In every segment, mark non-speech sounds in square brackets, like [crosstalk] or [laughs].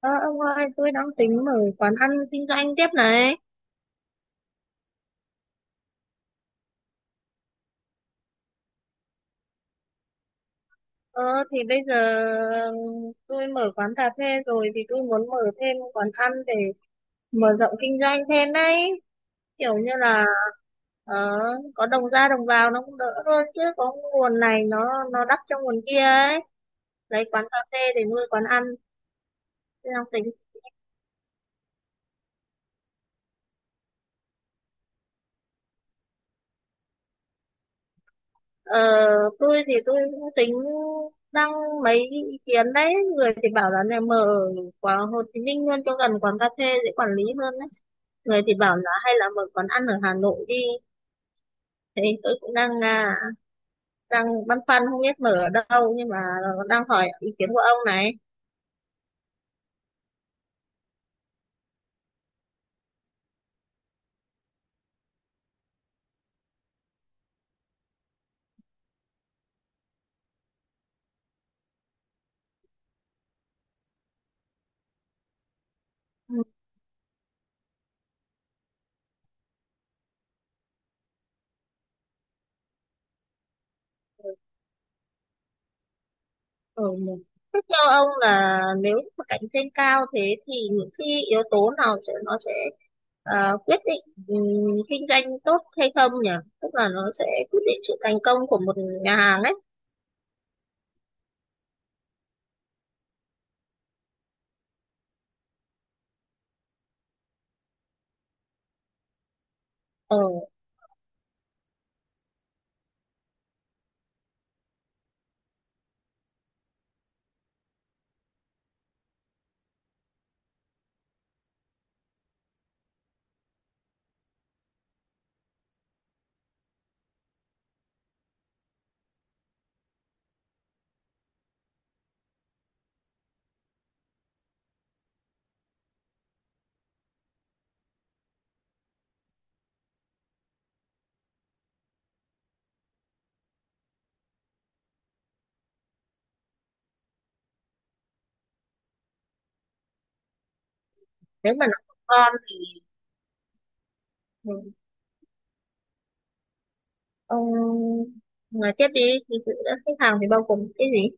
Ờ, ông ơi, tôi đang tính mở quán ăn kinh doanh tiếp này. Ờ, thì bây giờ tôi mở quán cà phê rồi thì tôi muốn mở thêm quán ăn để mở rộng kinh doanh thêm đấy. Kiểu như là ờ, có đồng ra đồng vào nó cũng đỡ hơn, chứ có nguồn này nó đắp cho nguồn kia ấy. Lấy quán cà phê để nuôi quán ăn. Tôi đang tính. Ờ, tôi thì tôi cũng tính đăng mấy ý kiến đấy, người thì bảo là này mở quán Hồ Chí Minh luôn cho gần quán cà phê dễ quản lý hơn đấy, người thì bảo là hay là mở quán ăn ở Hà Nội đi. Thế tôi cũng đang đang băn khoăn không biết mở ở đâu, nhưng mà đang hỏi ý kiến của ông này. Ừ. Thế theo ông, là nếu mà cạnh tranh cao thế thì những cái yếu tố nào sẽ quyết định, kinh doanh tốt hay không nhỉ? Tức là nó sẽ quyết định sự thành công của một nhà hàng ấy. Ờ, nếu mà nó không ngon thì, ừ, ông nói tiếp đi. Thì sự đã khách hàng thì bao gồm cái gì?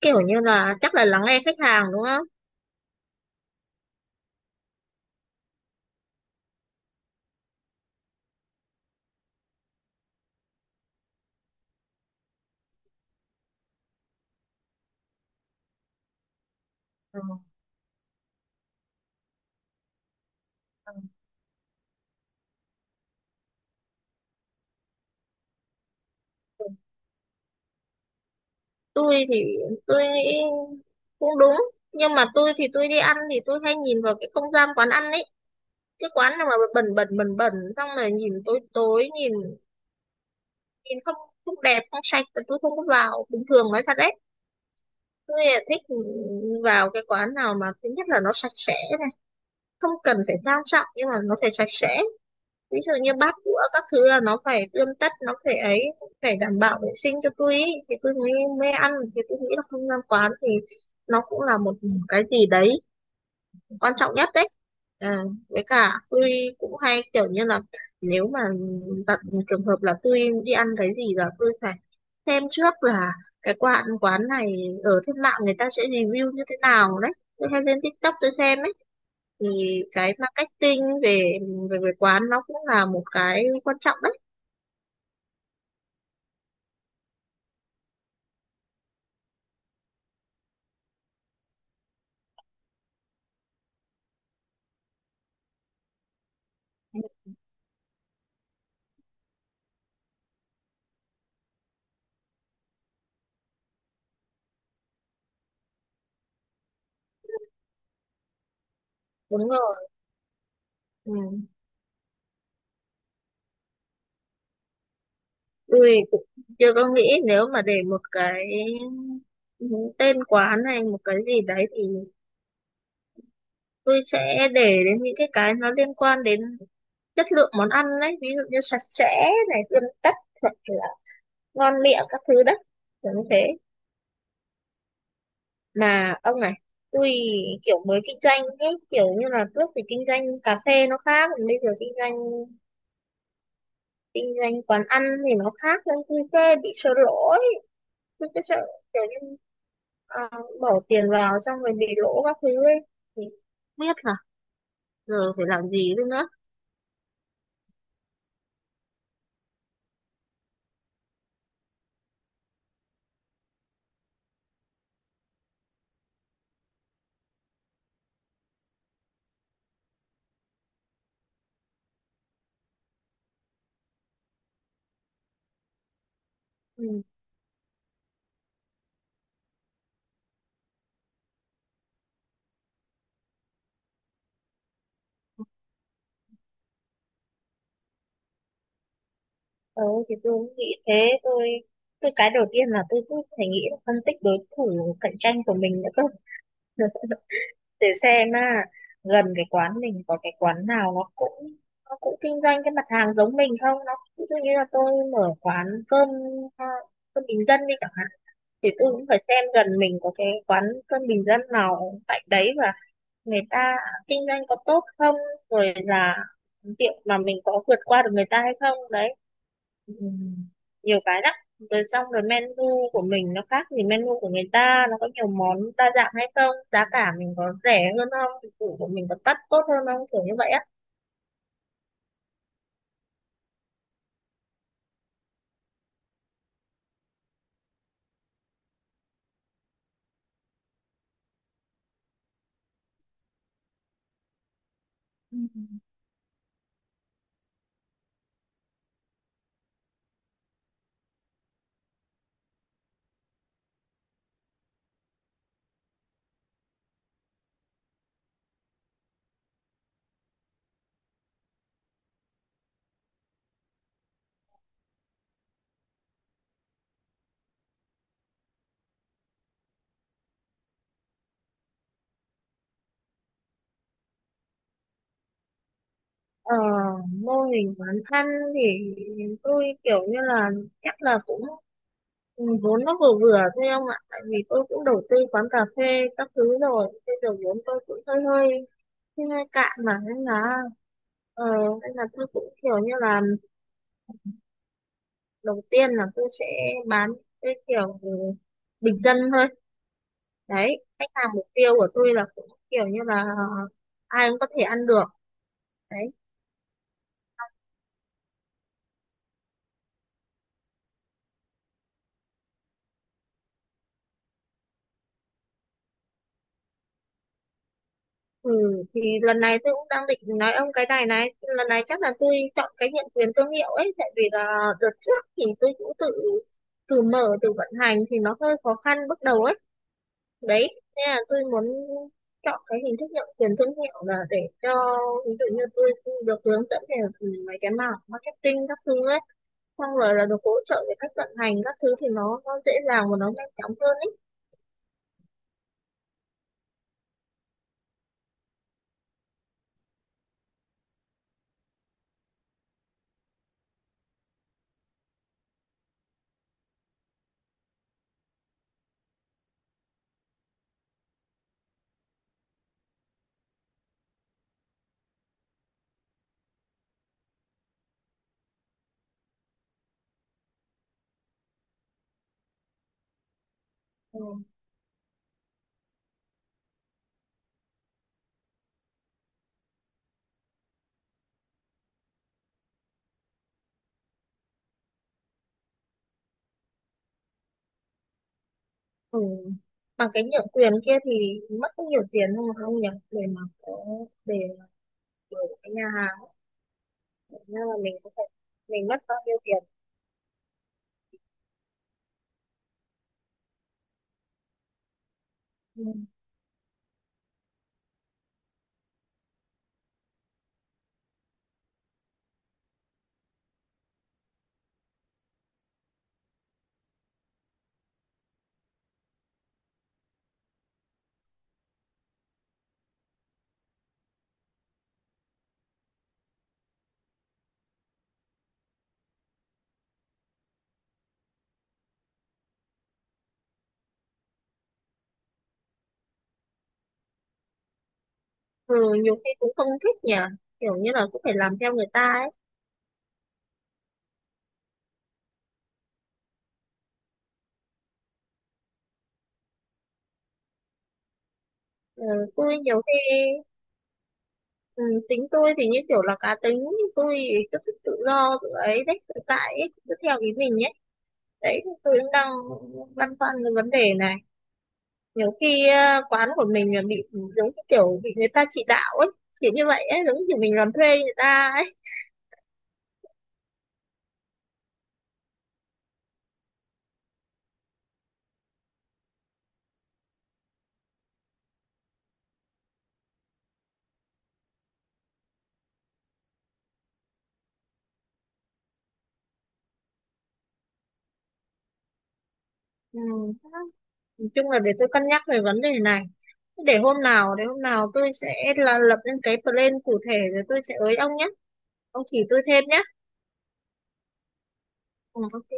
Kiểu như là chắc là lắng nghe khách hàng đúng không? Ừ. Tôi thì tôi nghĩ cũng đúng, nhưng mà tôi thì tôi đi ăn thì tôi hay nhìn vào cái không gian quán ăn ấy. Cái quán nào mà bẩn bẩn xong rồi nhìn tối tối, nhìn nhìn không, không đẹp, không sạch là tôi không có vào, bình thường nói thật đấy. Tôi là thích vào cái quán nào mà thứ nhất là nó sạch sẽ này, không cần phải sang trọng nhưng mà nó phải sạch sẽ, ví dụ như bát đũa các thứ là nó phải tươm tất, nó phải ấy, phải đảm bảo vệ sinh cho tôi ý, thì tôi mới mới ăn. Thì tôi nghĩ là không gian quán thì nó cũng là một cái gì đấy quan trọng nhất đấy. À, với cả tôi cũng hay kiểu như là nếu mà gặp trường hợp là tôi đi ăn cái gì là tôi phải xem trước là cái quán quán này ở trên mạng người ta sẽ review như thế nào đấy, tôi hay lên TikTok tôi xem đấy. Thì cái marketing về về về quán nó cũng là một cái quan trọng đấy. Đúng rồi. Ừ. Tôi cũng chưa có nghĩ, nếu mà để một cái tên quán này một cái gì đấy thì tôi sẽ để đến những cái nó liên quan đến chất lượng món ăn đấy, ví dụ như sạch sẽ này, tươm tất hoặc là ngon miệng các thứ đấy, kiểu như thế. Mà ông này, tôi kiểu mới kinh doanh ấy, kiểu như là trước thì kinh doanh cà phê nó khác, còn bây giờ kinh doanh quán ăn thì nó khác, nên tôi sẽ bị sợ lỗ ấy. Tôi cứ sợ kiểu như ờ, bỏ tiền vào xong rồi bị lỗ các thứ ấy, thì không biết là giờ phải làm gì nữa. Ừ. Ừ, thì tôi cũng nghĩ thế. Tôi cái đầu tiên là tôi cứ phải nghĩ là phân tích đối thủ cạnh tranh của mình nữa cơ. [laughs] Để xem, à, gần cái quán mình có cái quán nào nó cũng kinh doanh cái mặt hàng giống mình không, nó ví dụ như là tôi mở quán cơm, à, cơm bình dân đi chẳng hạn, thì tôi cũng phải xem gần mình có cái quán cơm bình dân nào tại đấy, và người ta kinh doanh có tốt không, rồi là liệu là mình có vượt qua được người ta hay không đấy. Ừ. Nhiều cái lắm. Rồi xong rồi menu của mình nó khác thì menu của người ta nó có nhiều món đa dạng hay không, giá cả mình có rẻ hơn không, dịch vụ của mình có đắt tốt hơn không, kiểu như vậy á. Ừ. Ờ, mô hình quán ăn thì tôi kiểu như là chắc là cũng, ừ, vốn nó vừa vừa thôi ông ạ, tại vì tôi cũng đầu tư quán cà phê các thứ rồi, bây giờ vốn tôi cũng hơi hơi cạn mà, nên là ờ, nên là tôi cũng kiểu như là đầu tiên là tôi sẽ bán cái kiểu bình dân thôi đấy. Khách hàng mục tiêu của tôi là cũng kiểu như là ai cũng có thể ăn được đấy. Ừ, thì lần này tôi cũng đang định nói ông cái này này, lần này chắc là tôi chọn cái nhận quyền thương hiệu ấy, tại vì là đợt trước thì tôi cũng tự tự mở tự vận hành thì nó hơi khó khăn bước đầu ấy. Đấy nên là tôi muốn chọn cái hình thức nhận quyền thương hiệu là để cho, ví dụ như tôi được hướng dẫn về, ừ, mấy cái mảng marketing các thứ ấy, xong rồi là được hỗ trợ về cách vận hành các thứ, thì nó dễ dàng và nó nhanh chóng hơn ấy. Ừ. Ừ. Bằng cái nhượng quyền kia thì mất cũng nhiều tiền không không nhỉ, để mà có để mở cái nhà hàng, nên là mình có thể mình mất bao nhiêu tiền? Ừ. Ừ, nhiều khi cũng không thích nhỉ, kiểu như là cũng phải làm theo người ta ấy. Ừ, tôi nhiều khi, ừ, tính tôi thì như kiểu là cá tính, nhưng tôi thì cứ thích tự do tự ấy đấy, tự tại ấy, cứ theo ý mình ấy. Đấy tôi cũng đang băn khoăn cái vấn đề này, nhiều khi quán của mình là bị, ừ, giống như kiểu bị người ta chỉ đạo ấy, kiểu như vậy ấy, giống như kiểu mình làm thuê người ta ấy. Ừ. Nói chung là để tôi cân nhắc về vấn đề này, để hôm nào tôi sẽ là lập lên cái plan cụ thể rồi tôi sẽ ới ông nhé. Ông chỉ tôi thêm nhé. Ừ, ok.